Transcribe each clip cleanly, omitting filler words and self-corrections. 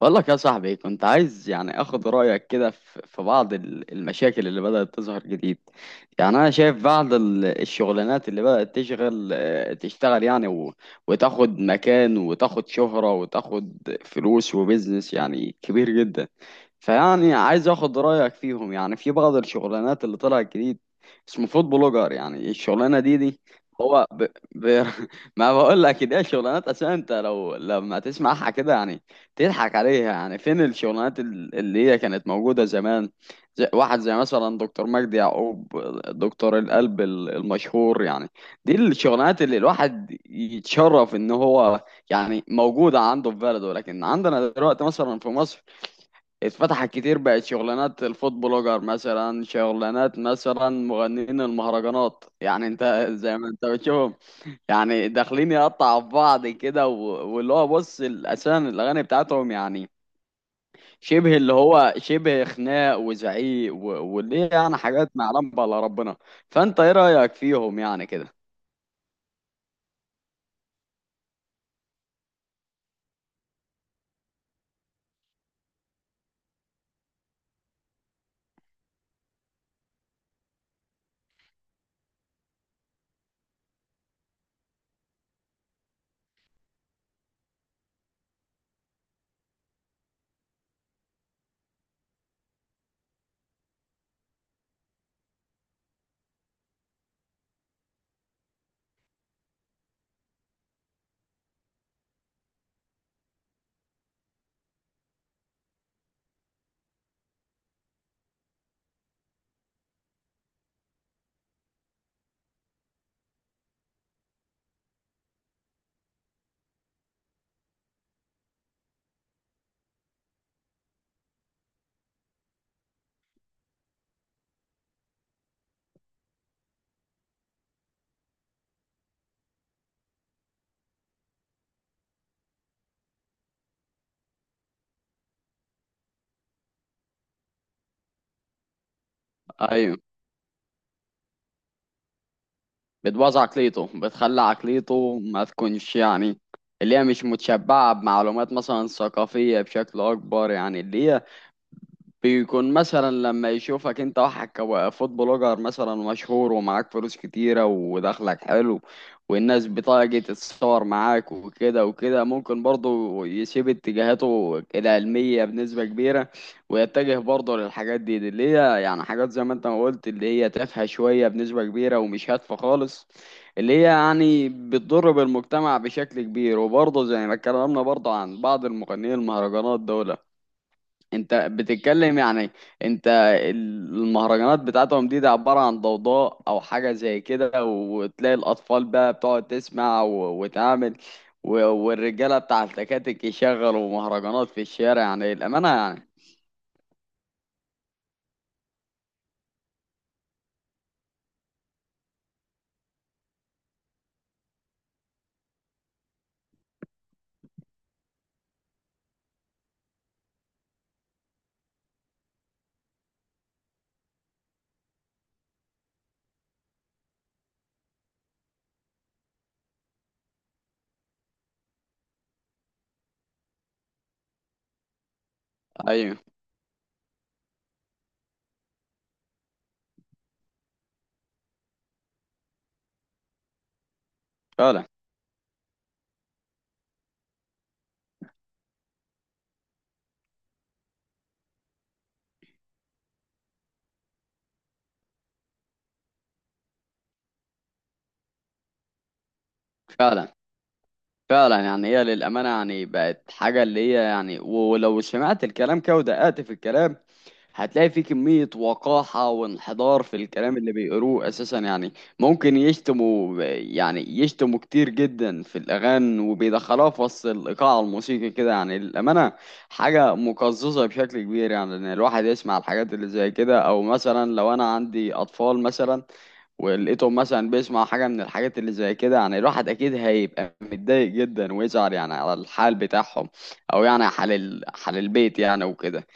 بقول لك يا صاحبي، كنت عايز يعني اخد رايك كده في بعض المشاكل اللي بدات تظهر جديد. يعني انا شايف بعض الشغلانات اللي بدات تشغل، تشتغل يعني وتاخد مكان وتاخد شهره وتاخد فلوس وبزنس يعني كبير جدا. فيعني عايز اخد رايك فيهم، يعني في بعض الشغلانات اللي طلعت جديد، اسمه فود بلوجر. يعني الشغلانه دي. هو ب... ب... ما بقول لك ده شغلانات اساسا. انت لو لما تسمعها كده يعني تضحك عليها. يعني فين الشغلانات اللي هي كانت موجودة زمان؟ زي واحد زي مثلا دكتور مجدي يعقوب، دكتور القلب المشهور يعني. دي الشغلانات اللي الواحد يتشرف ان هو يعني موجودة عنده في بلده. لكن عندنا دلوقتي مثلا في مصر اتفتحت كتير، بقت شغلانات الفود بلوجر مثلا، شغلانات مثلا مغنيين المهرجانات. يعني انت زي ما انت بتشوفهم، يعني داخلين يقطعوا في بعض كده واللي هو بص اساسا الاغاني بتاعتهم يعني شبه اللي هو شبه خناق وزعيق واللي هي يعني حاجات معلم على ربنا. فانت ايه رايك فيهم يعني كده؟ ايوه، بتبوظ عقليته، بتخلي عقليته ما تكونش يعني اللي هي مش متشبعة بمعلومات مثلا ثقافية بشكل أكبر. يعني اللي هي بيكون مثلا لما يشوفك انت واحد كفود بلوجر مثلا مشهور ومعاك فلوس كتيرة ودخلك حلو والناس بتيجي تتصور معاك وكده وكده، ممكن برضه يسيب اتجاهاته العلمية بنسبة كبيرة ويتجه برضه للحاجات دي، اللي هي يعني حاجات زي ما انت ما قلت اللي هي تافهة شوية بنسبة كبيرة ومش هادفة خالص، اللي هي يعني بتضر بالمجتمع بشكل كبير. وبرضه زي ما اتكلمنا برضه عن بعض المغنيين المهرجانات دول، انت بتتكلم يعني، انت المهرجانات بتاعتهم دي ده عبارة عن ضوضاء او حاجة زي كده. وتلاقي الاطفال بقى بتقعد تسمع وتعمل والرجالة بتاع التكاتك يشغلوا مهرجانات في الشارع يعني الامانة يعني. ايوه فعلا، فعلا. فعلا يعني هي للأمانة يعني بقت حاجة اللي هي، يعني ولو سمعت الكلام كده ودققت في الكلام هتلاقي فيه كمية وقاحة وانحدار في الكلام اللي بيقروه أساسا يعني. ممكن يشتموا، يعني يشتموا كتير جدا في الأغاني، وبيدخلوها في وسط الإيقاع الموسيقي كده يعني للأمانة. حاجة مقززة بشكل كبير يعني إن الواحد يسمع الحاجات اللي زي كده. أو مثلا لو أنا عندي أطفال مثلا ولقيته مثلا بيسمع حاجة من الحاجات اللي زي كده، يعني الواحد أكيد هيبقى متضايق جدا ويزعل يعني على الحال بتاعهم. أو يعني حال حال البيت يعني وكده.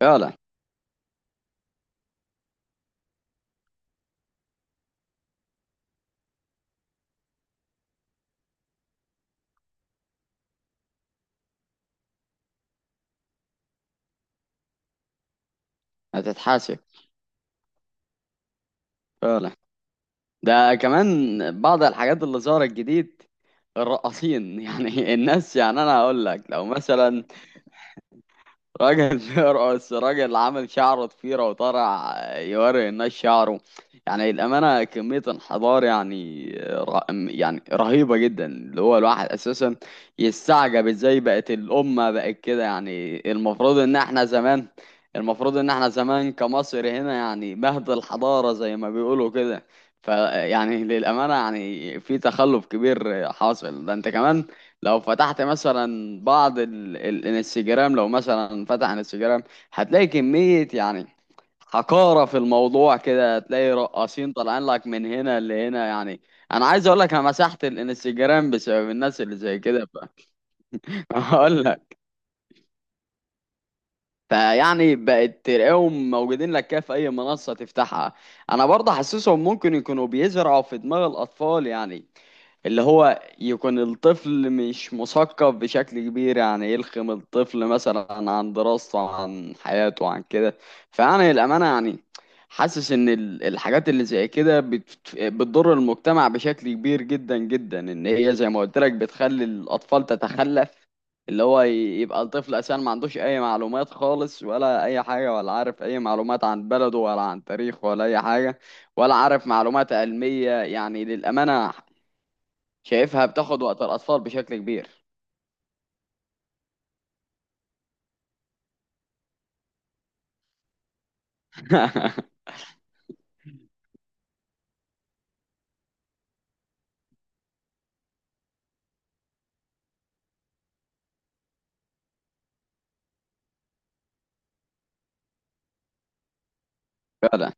فعلا. هتتحاسب فعلا. ده كمان بعض الحاجات اللي ظهرت جديد: الرقاصين. يعني الناس، يعني أنا هقول لك، لو مثلا راجل بيرقص، راجل عامل شعره ضفيرة وطالع يوري الناس شعره، يعني الأمانة كمية انحدار يعني، ر- يعني رهيبة جدا. اللي هو الواحد أساسا يستعجب ازاي بقت الأمة بقت كده. يعني المفروض إن احنا زمان، المفروض إن احنا زمان كمصر هنا يعني مهد الحضارة زي ما بيقولوا كده. فيعني للأمانة يعني في تخلف كبير حاصل. ده أنت كمان لو فتحت مثلا بعض الانستجرام، لو مثلا فتح انستجرام هتلاقي كمية يعني حقارة في الموضوع كده. هتلاقي رقاصين طالعين لك من هنا لهنا يعني. انا عايز اقول لك، انا مسحت الانستجرام بسبب الناس اللي زي كده. هقول لك. فيعني بقت تلاقيهم موجودين لك كده في اي منصة تفتحها. انا برضه حاسسهم ممكن يكونوا بيزرعوا في دماغ الاطفال، يعني اللي هو يكون الطفل مش مثقف بشكل كبير، يعني يلخم الطفل مثلا عن دراسته عن حياته عن كده. فأنا للأمانة يعني حاسس إن الحاجات اللي زي كده بتضر المجتمع بشكل كبير جدا جدا. إن هي زي ما قلت لك بتخلي الأطفال تتخلف، اللي هو يبقى الطفل أساسا ما عندوش أي معلومات خالص ولا أي حاجة، ولا عارف أي معلومات عن بلده ولا عن تاريخه ولا أي حاجة، ولا عارف معلومات علمية يعني للأمانة. شايفها بتاخد وقت الأطفال بشكل كبير. فعلا،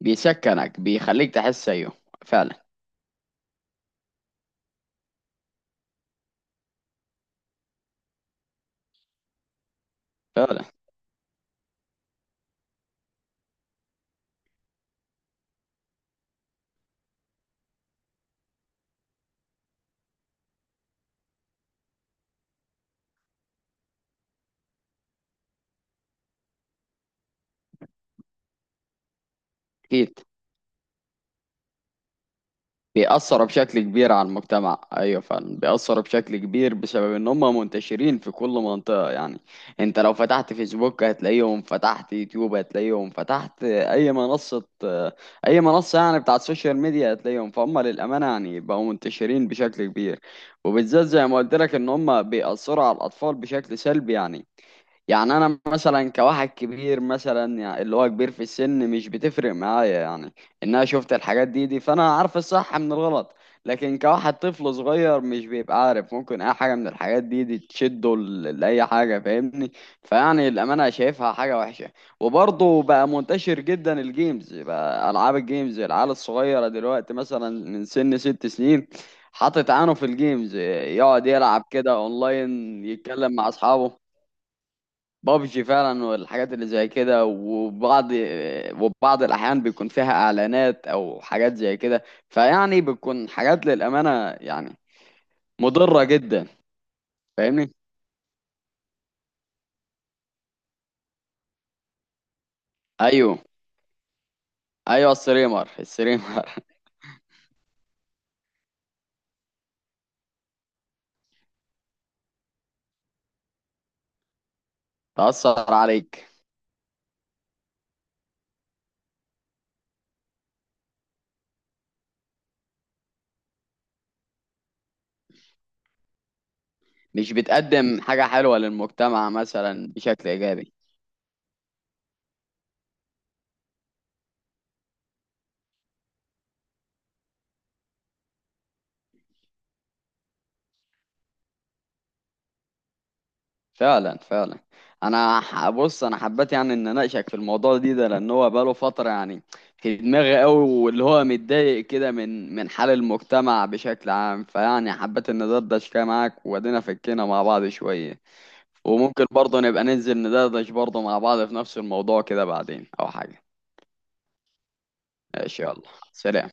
بيسكنك، بيخليك تحس، أيوه فعلا. فعلا أكيد. بيأثروا بشكل كبير على المجتمع، أيوه فعلا بيأثروا بشكل كبير بسبب إن هم منتشرين في كل منطقة يعني. أنت لو فتحت فيسبوك هتلاقيهم، فتحت يوتيوب هتلاقيهم، فتحت أي منصة، أي منصة يعني بتاعت السوشيال ميديا هتلاقيهم. فهم للأمانة يعني بقوا منتشرين بشكل كبير، وبالذات زي ما قلت لك إن هم بيأثروا على الأطفال بشكل سلبي يعني. يعني انا مثلا كواحد كبير مثلا، يعني اللي هو كبير في السن، مش بتفرق معايا يعني ان انا شفت الحاجات دي، فانا عارف الصح من الغلط. لكن كواحد طفل صغير مش بيبقى عارف، ممكن اي حاجة من الحاجات دي تشده لاي حاجة، فاهمني؟ فيعني الامانة شايفها حاجة وحشة. وبرضه بقى منتشر جدا الجيمز، بقى العاب الجيمز، العيال الصغيرة دلوقتي مثلا من سن ست سنين حاطط عينه في الجيمز، يقعد يلعب كده اونلاين يتكلم مع اصحابه. بابجي فعلا والحاجات اللي زي كده. وبعض الاحيان بيكون فيها اعلانات او حاجات زي كده، فيعني بتكون حاجات للامانه يعني مضره جدا. فاهمني؟ ايوه ايوه، السريمر، السريمر، تاثر عليك، مش بتقدم حاجه حلوه للمجتمع مثلا بشكل ايجابي. فعلا فعلا. انا بص، انا حبيت يعني ان اناقشك في الموضوع ده، لان هو بقاله فتره يعني في دماغي قوي، واللي هو متضايق كده من حال المجتمع بشكل عام. فيعني حبيت ان ندردش كده معاك وادينا فكينا مع بعض شويه. وممكن برضه نبقى ننزل ندردش برضه مع بعض في نفس الموضوع كده بعدين او حاجه. ماشي، يلا، سلام.